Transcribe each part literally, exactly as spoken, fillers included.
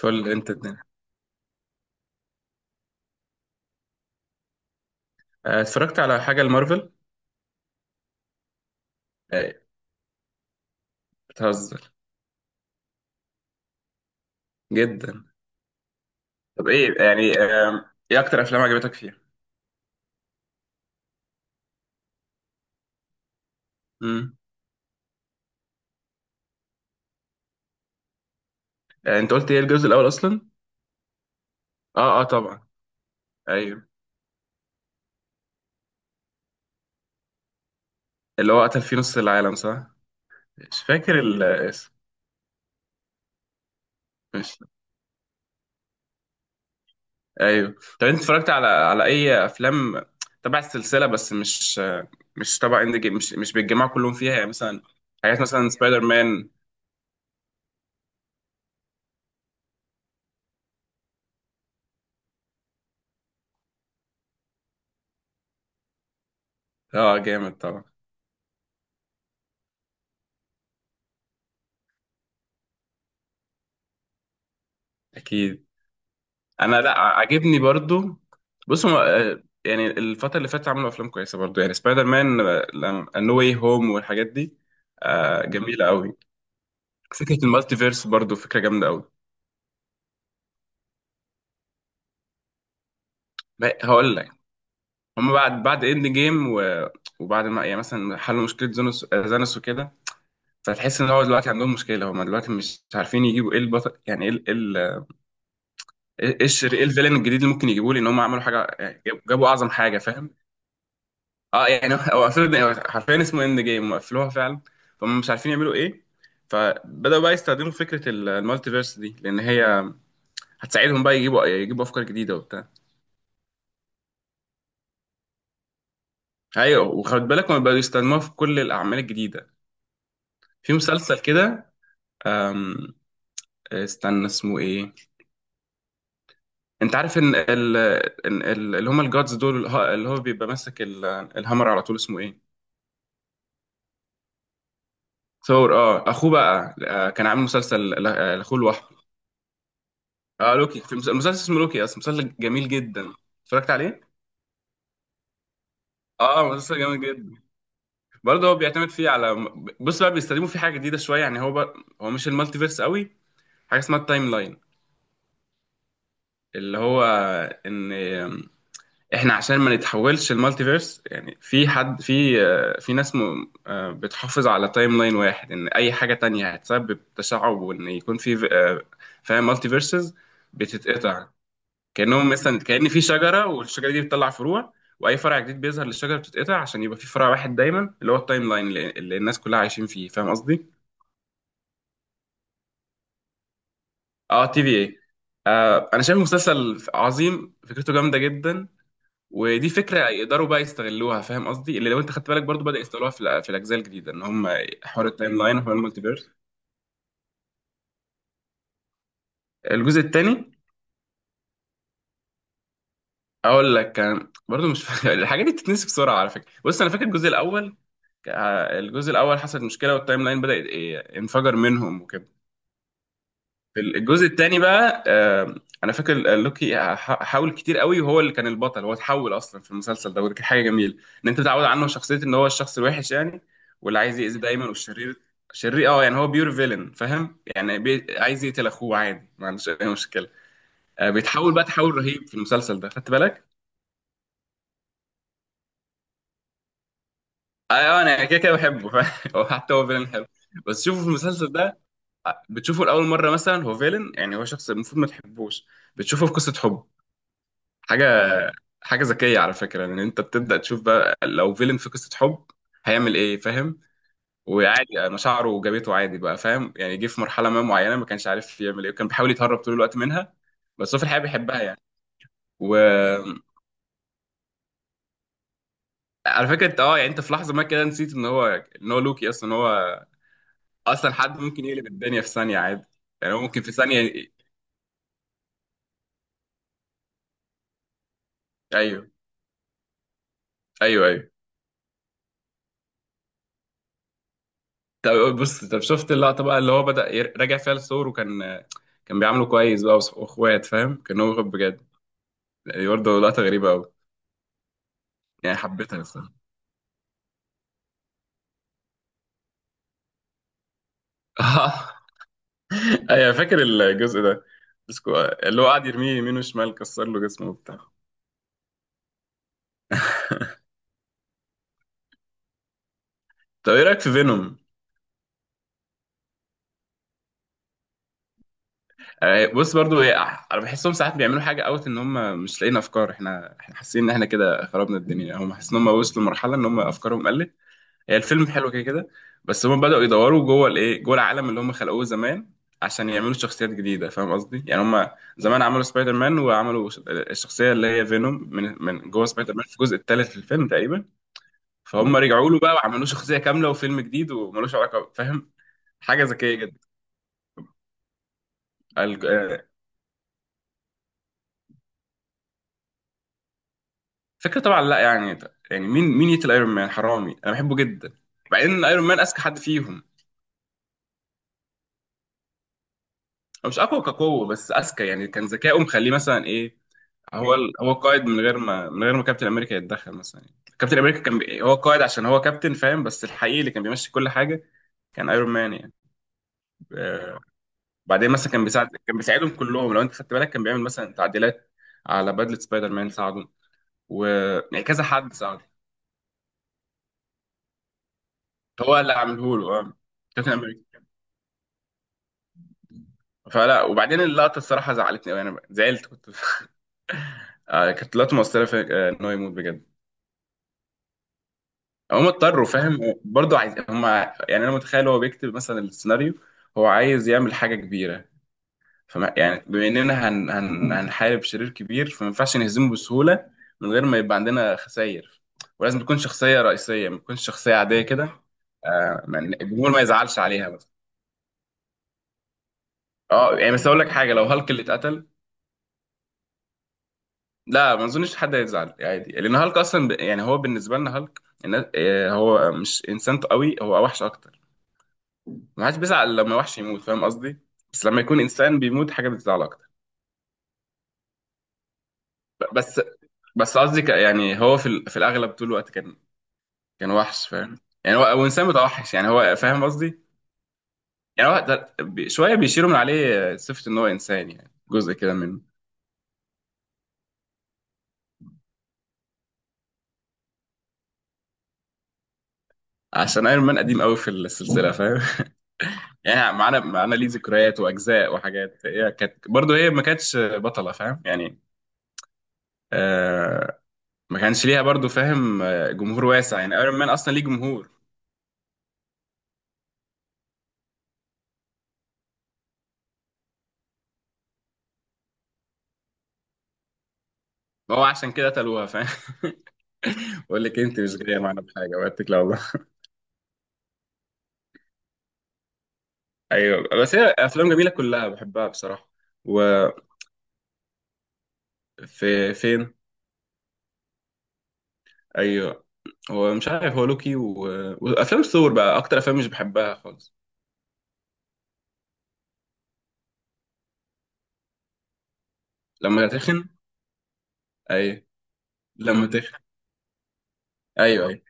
فل انت الدنيا. آه، اتفرجت على حاجة المارفل. آه، بتهزر جدا. طب ايه يعني آم، ايه اكتر افلام عجبتك فيها؟ امم انت قلت ايه الجزء الاول اصلا؟ اه اه، طبعا. ايوه، اللي هو قتل فيه نص العالم، صح. مش فاكر الاسم. مش ايوه. طب انت اتفرجت على على اي افلام تبع السلسلة، بس مش آه، مش تبع اند جيم، مش مش بيتجمعوا كلهم فيها، يعني مثلا حاجات مثلا سبايدر مان. اه جامد طبعا. اكيد. انا لا، عاجبني برضو. بص، هو آه، يعني الفتره اللي فاتت عملوا افلام كويسه برضو، يعني سبايدر مان نو واي هوم والحاجات دي آه، جميله قوي. فكره المالتيفيرس برضو فكره جامده قوي. بقى- هقول لك، هم بعد بعد اند جيم و- وبعد ما يعني مثلا حلوا مشكله زانوس آه، زانوس وكده، فتحس ان هو دلوقتي عندهم مشكله، هم دلوقتي مش عارفين يجيبوا ايه البطل، يعني ايه ال- إيه ال- ايه الشر، ايه الفيلن الجديد اللي ممكن يجيبوه، لان هم عملوا حاجه، يعني جابوا جابوا اعظم حاجه، فاهم. اه يعني هو قفلوا، حرفيا اسمه اند جيم وقفلوها فعلا، فهم مش عارفين يعملوا ايه. فبدأوا بقى يستخدموا فكرة ال- المالتيفيرس دي، لأن هي هتساعدهم بقى يجيبوا يجيبوا أفكار جديدة وبتاع. أيوة، وخد بالك هم بقوا يستخدموها في كل الأعمال الجديدة، في مسلسل كده. أم، استنى اسمه إيه. أنت عارف إن ال- إن ال- اللي هم الجادز دول، اللي هو اللي هو بيبقى ماسك ال- الهامر على طول، اسمه إيه؟ ثور. اه، أخوه بقى آه، كان عامل مسلسل لأخوه لوحده. اه، لوكي في مس- مسلسل اسمه لوكي، اصلا مسلسل جميل جدا. اتفرجت عليه، اه مسلسل جميل جدا. برضه هو بيعتمد فيه على، بص بقى بيستخدموا فيه حاجه جديده شويه، يعني هو بقى، هو مش المالتي فيرس قوي، حاجه اسمها التايم لاين. اللي هو ان احنا عشان ما نتحولش المالتي فيرس، يعني في حد في آه، في ناس م... آه، بتحافظ على تايم لاين واحد، ان اي حاجه تانية هتسبب تشعب، وان يكون في آه، فاهم، مالتي فيرسز بتتقطع. كانهم مثلا، كأن في شجره، والشجره دي بتطلع فروع، واي فرع جديد بيظهر للشجره بتتقطع عشان يبقى في فرع واحد دايما، اللي هو التايم لاين اللي اللي الناس كلها عايشين فيه، فاهم قصدي. اه تي في اي. آه انا شايف مسلسل عظيم، فكرته جامده جدا. ودي فكره يقدروا بقى يستغلوها، فاهم قصدي، اللي لو انت خدت بالك برضو بدأ يستغلوها في الأ- في الاجزاء الجديده، ان هم حوار التايم لاين وحوار المالتيفيرس. الجزء الثاني، اقول لك كان برضو مش فاكر الحاجات دي بتتنسي بسرعه على فكره. بص انا فاكر الجزء الاول. ع- الجزء الاول حصلت مشكله والتايم لاين بدا ي- انفجر منهم وكده. في الجزء الثاني بقى آه، انا فاكر لوكي ح- حاول كتير قوي، وهو اللي كان البطل، هو اتحول اصلا في المسلسل ده، ودي كانت حاجه جميله، ان انت متعود عنه شخصيه، ان هو الشخص الوحش يعني، واللي عايز يأذي دايما، والشرير. شرير اه، يعني هو بيور فيلن فاهم، يعني بي... عايز يقتل اخوه عادي، ما عندوش اي مشكله. آه، بيتحول بقى تحول رهيب في المسلسل ده، خدت بالك؟ اه آه، انا كده كده بحبه فاهم؟ هو حتى هو فيلن حلو. بس شوفوا في المسلسل ده، بتشوفه لأول مرة مثلا هو فيلن، يعني هو شخص المفروض ما تحبوش، بتشوفه في قصة حب. حاجة حاجة ذكية على فكرة، لأن أنت بتبدأ تشوف بقى لو فيلن في قصة حب هيعمل إيه، فاهم. وعادي مشاعره وجابته عادي بقى، فاهم يعني جه في مرحلة ما معينة ما كانش عارف يعمل إيه، وكان بيحاول يتهرب طول الوقت منها، بس هو في الحقيقة بيحبها يعني. وعلى فكرة أنت أه يعني أنت في لحظة ما كده نسيت إن هو إن هو لوكي أصلا، إن هو أصلا حد ممكن يقلب الدنيا في ثانية عادي، يعني هو ممكن في ثانية. أيوه، أيوه، أيوه. طب بص، طب شفت اللقطة بقى اللي هو بدأ ير- راجع فيها للصور، وكان كان بيعامله كويس بقى وص- واخوات، فاهم كان هو واخد بجد، يعني برضه لقطة غريبة أوي، يعني حبيتها الصراحة. أيوة فاكر الجزء ده. بس كو- اللي هو قاعد يرميه يمين وشمال، كسر له جسمه وبتاع. طب ايه رايك في فينوم؟ آه، بص برضو إيه، انا بحسهم ساعات بيعملوا حاجه اوت، ان هم مش لاقيين افكار. احنا احنا حاسين ان احنا كده خربنا الدنيا، هم حاسين ان هم وصلوا لمرحله ان هم افكارهم قلت. هي الفيلم حلو كده كده، بس هم بدأوا يدوروا جوه الايه، جوه العالم اللي هم خلقوه زمان، عشان يعملوا شخصيات جديدة، فاهم قصدي. يعني هم زمان عملوا سبايدر مان، وعملوا ش- الشخصية اللي هي فينوم، من من جوه سبايدر مان في الجزء الثالث في الفيلم تقريبا. فهم رجعوا له بقى وعملوا شخصية كاملة وفيلم جديد وملوش علاقة، فاهم. حاجة ذكية جدا. الج- آه، فكرة طبعا، لا يعني، يعني مين مين يقتل ايرون مان، حرامي انا بحبه جدا. بعدين ايرون مان اذكى حد فيهم. هو مش اقوى كقوة، بس اذكى، يعني كان ذكائه مخليه مثلا ايه. هو ال- هو قائد من غير ما من غير ما كابتن امريكا يتدخل مثلا يعني. كابتن امريكا كان بي... هو قائد عشان هو كابتن فاهم، بس الحقيقي اللي كان بيمشي كل حاجه كان ايرون مان يعني. آه، بعدين مثلا كان بيساعد كان بيساعدهم كلهم، لو انت خدت بالك كان بيعمل مثلا تعديلات على بدله سبايدر مان ساعده، و يعني كذا حد ساعده. هو اللي عامله له آه، كابتن امريكا. فلا، وبعدين اللقطه الصراحه زعلتني قوي، انا زعلت كنت. آه، كانت لقطه مؤثره في آه، ان هو يموت بجد. هم اضطروا فاهم، برضه عايز هم، يعني انا متخيل هو بيكتب مثلا السيناريو، هو عايز يعمل حاجه كبيره، فما يعني بما اننا هن هن هنحارب شرير كبير، فما ينفعش نهزمه بسهوله، من غير ما يبقى عندنا خسائر، ولازم تكون شخصيه رئيسيه، ما تكونش شخصيه عاديه كده. آه ما- الجمهور ما يزعلش عليها مثلا. اه يعني، بس اقول لك حاجه، لو هالك اللي اتقتل. لا، ما اظنش حد هيزعل عادي، لان هالك اصلا ب... يعني هو بالنسبه لنا هالك الناس- آه، هو مش انسان قوي، هو وحش اكتر، ما حدش بيزعل لما وحش يموت فاهم قصدي، بس لما يكون انسان بيموت حاجه بتزعل اكتر. ب- بس بس قصدي ك- يعني هو في ال- في الاغلب طول الوقت كان كان وحش فاهم، يعني هو هو انسان متوحش، يعني هو فاهم قصدي، يعني هو ده- بي- شويه بيشيلوا من عليه صفه ان هو انسان، يعني جزء كده منه. عشان ايرون مان قديم قوي في السلسله فاهم. يعني معانا معانا ليه ذكريات واجزاء وحاجات، هي كانت برضه هي ما كانتش بطله فاهم يعني. آه ما كانش ليها برضه فاهم آه، جمهور واسع، يعني ايرون مان اصلا ليه جمهور. ما هو عشان كده قتلوها فاهم. بقول لك انت مش جايه معانا بحاجه واتك، لا والله. ايوه، بس هي افلام جميله كلها بحبها بصراحه. وفي، فين؟ ايوه. هو مش عارف، هو لوكي و... وافلام ثور بقى، اكتر افلام مش بحبها خالص. لما تخن. ايوه لما تخن. ايوه، ايوه.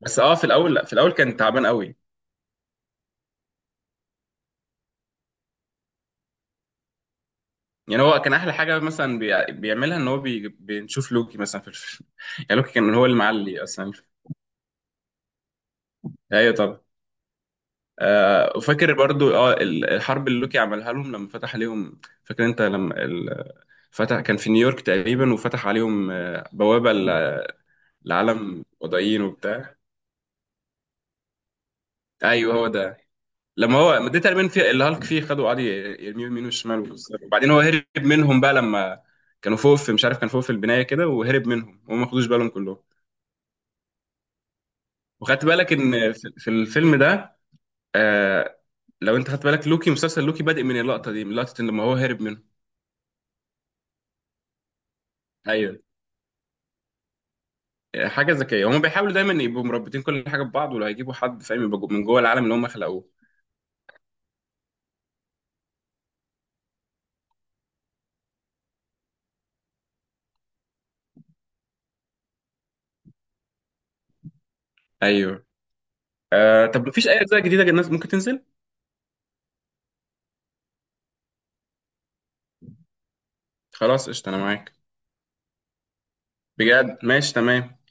بس اه، في الاول، لا في الاول كان تعبان قوي، يعني هو كان احلى حاجه مثلا بي... بيعملها ان هو بي... بنشوف لوكي مثلا في الفيلم. يعني لوكي كان هو المعلي اصلا. ايوه طبعا. آه وفاكر برضو، اه ال- الحرب اللي لوكي عملها لهم لما فتح عليهم، فاكر انت لما فتح كان في نيويورك تقريبا، وفتح عليهم آه، بوابة ل- لعالم وضعيين وبتاع. ايوه هو ده. لما هو، ما ده تقريبا في اللي هالك فيه خدوا قعد يرميه يمين وشمال ويكسروا. وبعدين هو هرب منهم بقى لما كانوا فوق في، مش عارف كان فوق في البناية كده، وهرب منهم وهم ما خدوش بالهم كلهم. وخدت بالك ان في في الفيلم ده، آه لو انت خدت بالك لوكي، مسلسل لوكي بادئ من اللقطة دي، من لقطة ان لما هو هرب منهم. ايوه. آه، حاجة ذكية، هم بيحاولوا دايما يبقوا مربطين كل حاجة ببعض، ولو هيجيبوا حد فاهم يبقى جو- من جوه العالم اللي هم خلقوه. ايوه. آه طب مفيش اي اجزاء جديده الناس ممكن تنزل؟ خلاص قشطه انا معاك. بجد ماشي تمام.